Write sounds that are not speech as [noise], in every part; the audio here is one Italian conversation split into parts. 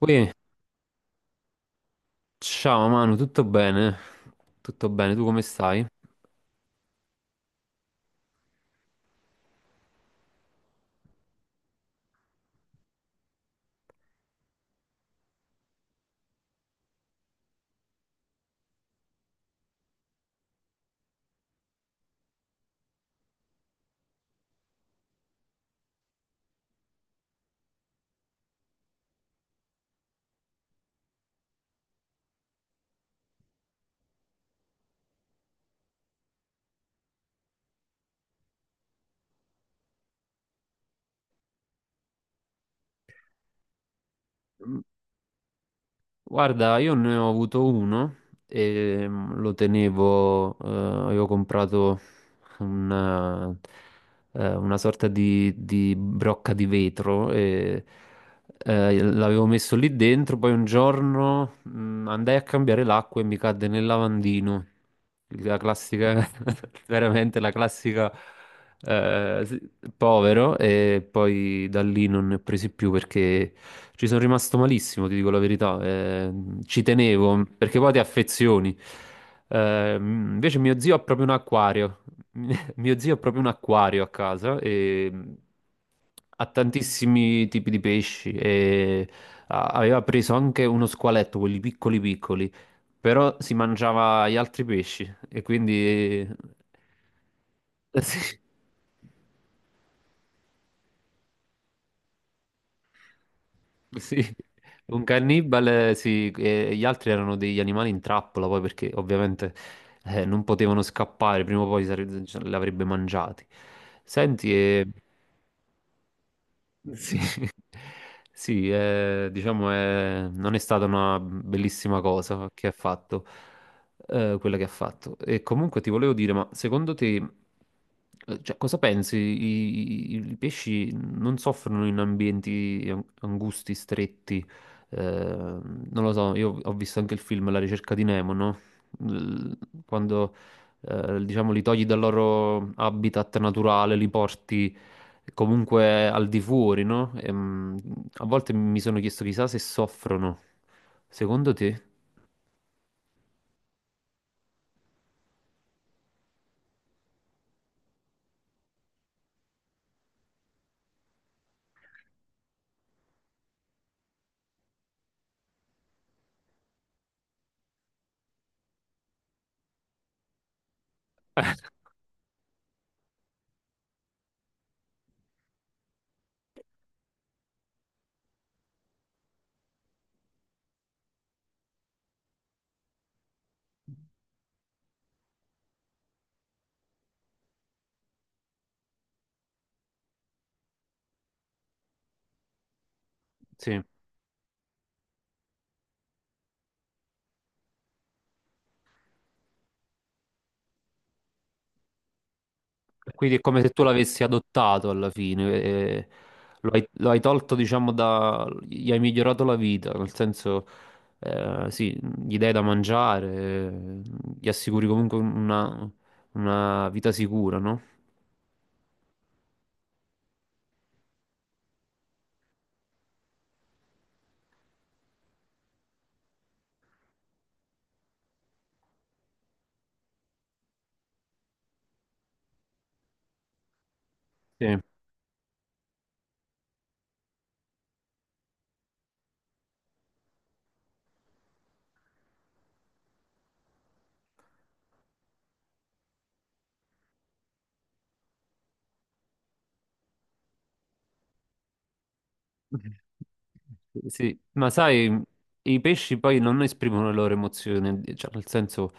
Ui, ciao Manu, tutto bene? Tutto bene, tu come stai? Guarda, io ne ho avuto uno e lo tenevo, avevo comprato una, una sorta di brocca di vetro e l'avevo messo lì dentro, poi un giorno andai a cambiare l'acqua e mi cadde nel lavandino. La classica, [laughs] veramente la classica, sì, povero e poi da lì non ne ho presi più perché... Ci sono rimasto malissimo, ti dico la verità. Ci tenevo perché poi ti affezioni. Invece mio zio ha proprio un acquario. [laughs] Mio zio ha proprio un acquario a casa e ha tantissimi tipi di pesci e aveva preso anche uno squaletto, quelli piccoli piccoli, però si mangiava gli altri pesci e quindi... [laughs] sì. Sì, un cannibale, sì, e gli altri erano degli animali in trappola, poi perché ovviamente non potevano scappare, prima o poi ce li avrebbe mangiati. Senti, e sì, [laughs] sì, diciamo non è stata una bellissima cosa che ha fatto, quella che ha fatto. E comunque ti volevo dire, ma secondo te, cioè, cosa pensi? I pesci non soffrono in ambienti angusti, stretti? Non lo so, io ho visto anche il film La ricerca di Nemo, no? L- Quando, diciamo, li togli dal loro habitat naturale, li porti comunque al di fuori, no? A volte mi sono chiesto chissà se soffrono. Secondo te? Sì. Quindi è come se tu l'avessi adottato alla fine, eh, lo hai tolto, diciamo, da... gli hai migliorato la vita, nel senso, sì, gli dai da mangiare, eh, gli assicuri comunque una vita sicura, no? Sì. [laughs] Sì, ma sai, i pesci poi non esprimono le loro emozioni, cioè nel senso,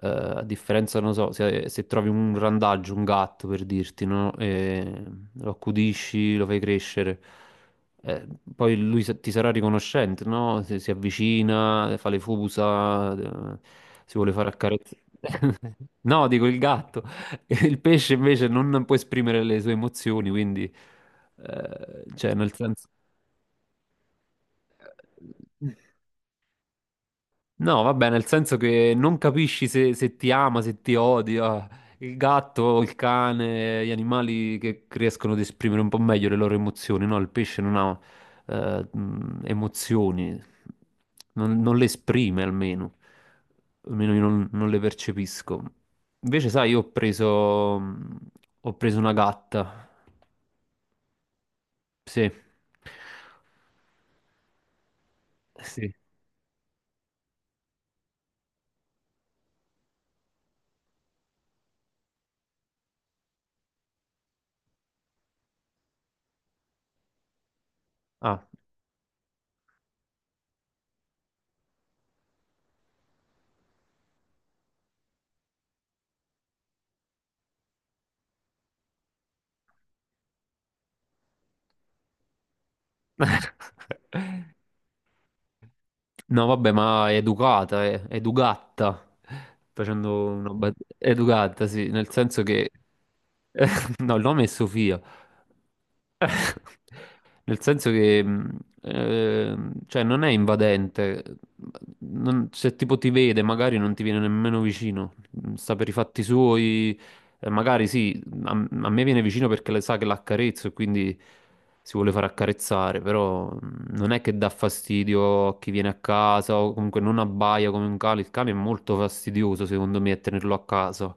a differenza, non so, se, se trovi un randaggio, un gatto per dirti, no? E lo accudisci, lo fai crescere, eh, poi ti sarà riconoscente, no? Se si avvicina, fa le fusa, si vuole fare accarezzare. [laughs] No, dico il gatto. [laughs] Il pesce invece non può esprimere le sue emozioni, quindi, cioè nel senso... No, vabbè, nel senso che non capisci se, se ti ama, se ti odia. Il gatto, il cane, gli animali che riescono ad esprimere un po' meglio le loro emozioni, no? Il pesce non ha emozioni, non, non le esprime almeno, almeno io non, non le percepisco. Invece, sai, io ho preso una gatta, sì, sì, ah. [laughs] No, vabbè, ma è educata, è educata. Facendo una educata, sì, nel senso che [laughs] no, il nome è Sofia. [laughs] Nel senso che, cioè, non è invadente. Se tipo ti vede, magari non ti viene nemmeno vicino. Sta per i fatti suoi. Magari sì, a, a me viene vicino perché le sa che l'accarezzo e quindi si vuole far accarezzare. Però non è che dà fastidio a chi viene a casa o comunque non abbaia come un cane. Il cane è molto fastidioso, secondo me, a tenerlo a casa.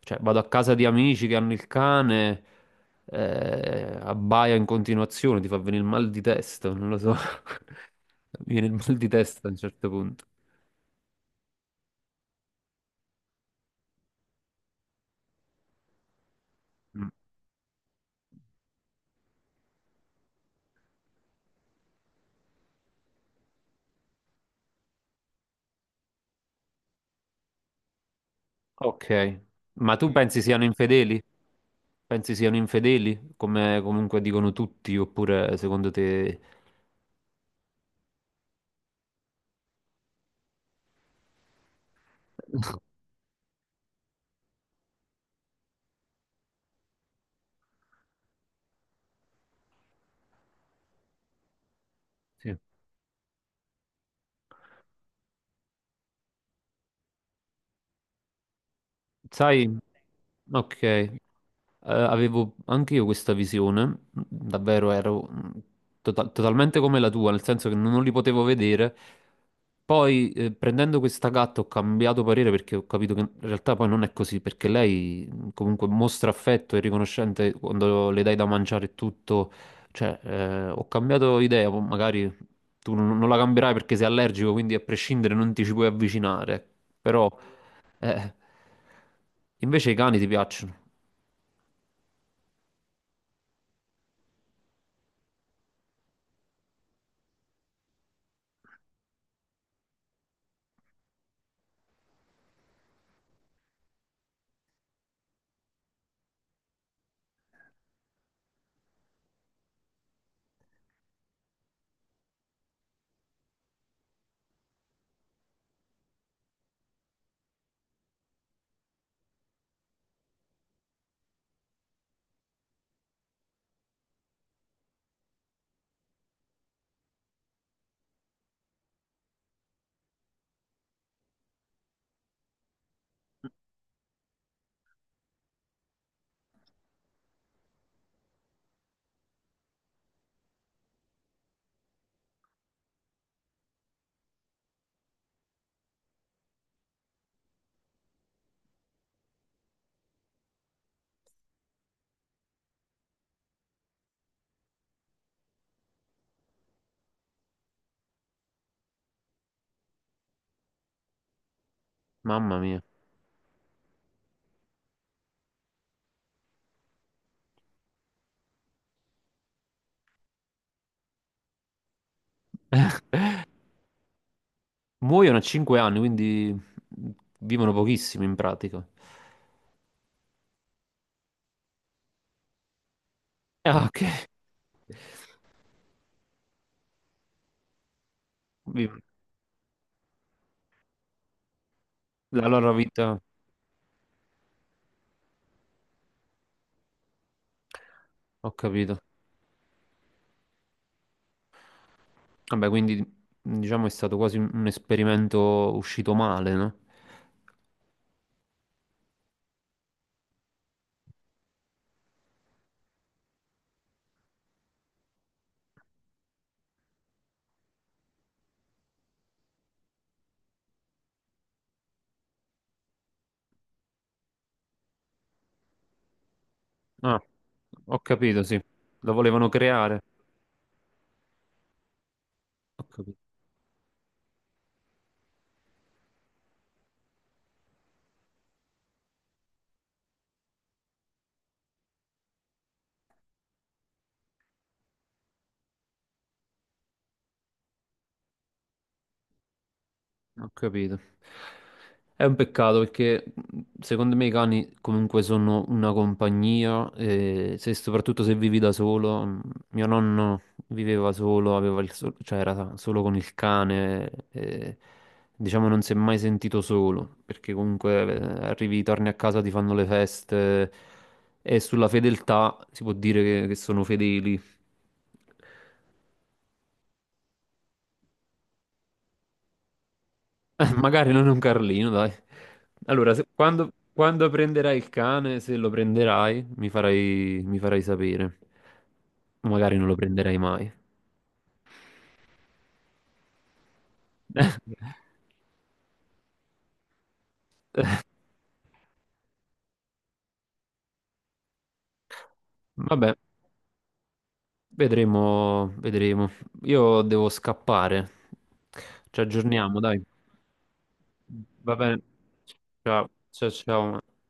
Cioè, vado a casa di amici che hanno il cane, abbaia in continuazione, ti fa venire il mal di testa, non lo so. [laughs] Mi viene il mal di testa a un certo punto. Mm. Ok. Ma tu pensi siano infedeli? Pensi siano infedeli, come comunque dicono tutti, oppure secondo te... Sì. Sai? Ok. Avevo anche io questa visione, davvero ero totalmente come la tua, nel senso che non li potevo vedere. Poi prendendo questa gatta ho cambiato parere perché ho capito che in realtà poi non è così, perché lei comunque mostra affetto e riconoscente quando le dai da mangiare e tutto. Cioè, ho cambiato idea, poi magari tu non la cambierai perché sei allergico, quindi a prescindere non ti ci puoi avvicinare. Però, eh, invece i cani ti piacciono, mamma mia. Muoiono a 5 anni, quindi mh, vivono pochissimo in pratica. Ah, ok. Vi- La loro vita, ho capito. Vabbè, quindi diciamo è stato quasi un esperimento uscito male, no? Ah, ho capito, sì. Lo volevano creare. Ho capito. Ho capito. È un peccato perché secondo me i cani comunque sono una compagnia e soprattutto se vivi da solo, mio nonno viveva solo, aveva il cioè era solo con il cane e diciamo non si è mai sentito solo perché comunque arrivi, torni a casa, ti fanno le feste e sulla fedeltà si può dire che sono fedeli. [laughs] Magari non è un Carlino, dai. Allora, quando, quando prenderai il cane, se lo prenderai, mi farai sapere. Magari non lo prenderai mai. [laughs] Vabbè, vedremo, vedremo. Io devo scappare. Ci aggiorniamo, dai. Va bene. Ciao, ciao, ciao.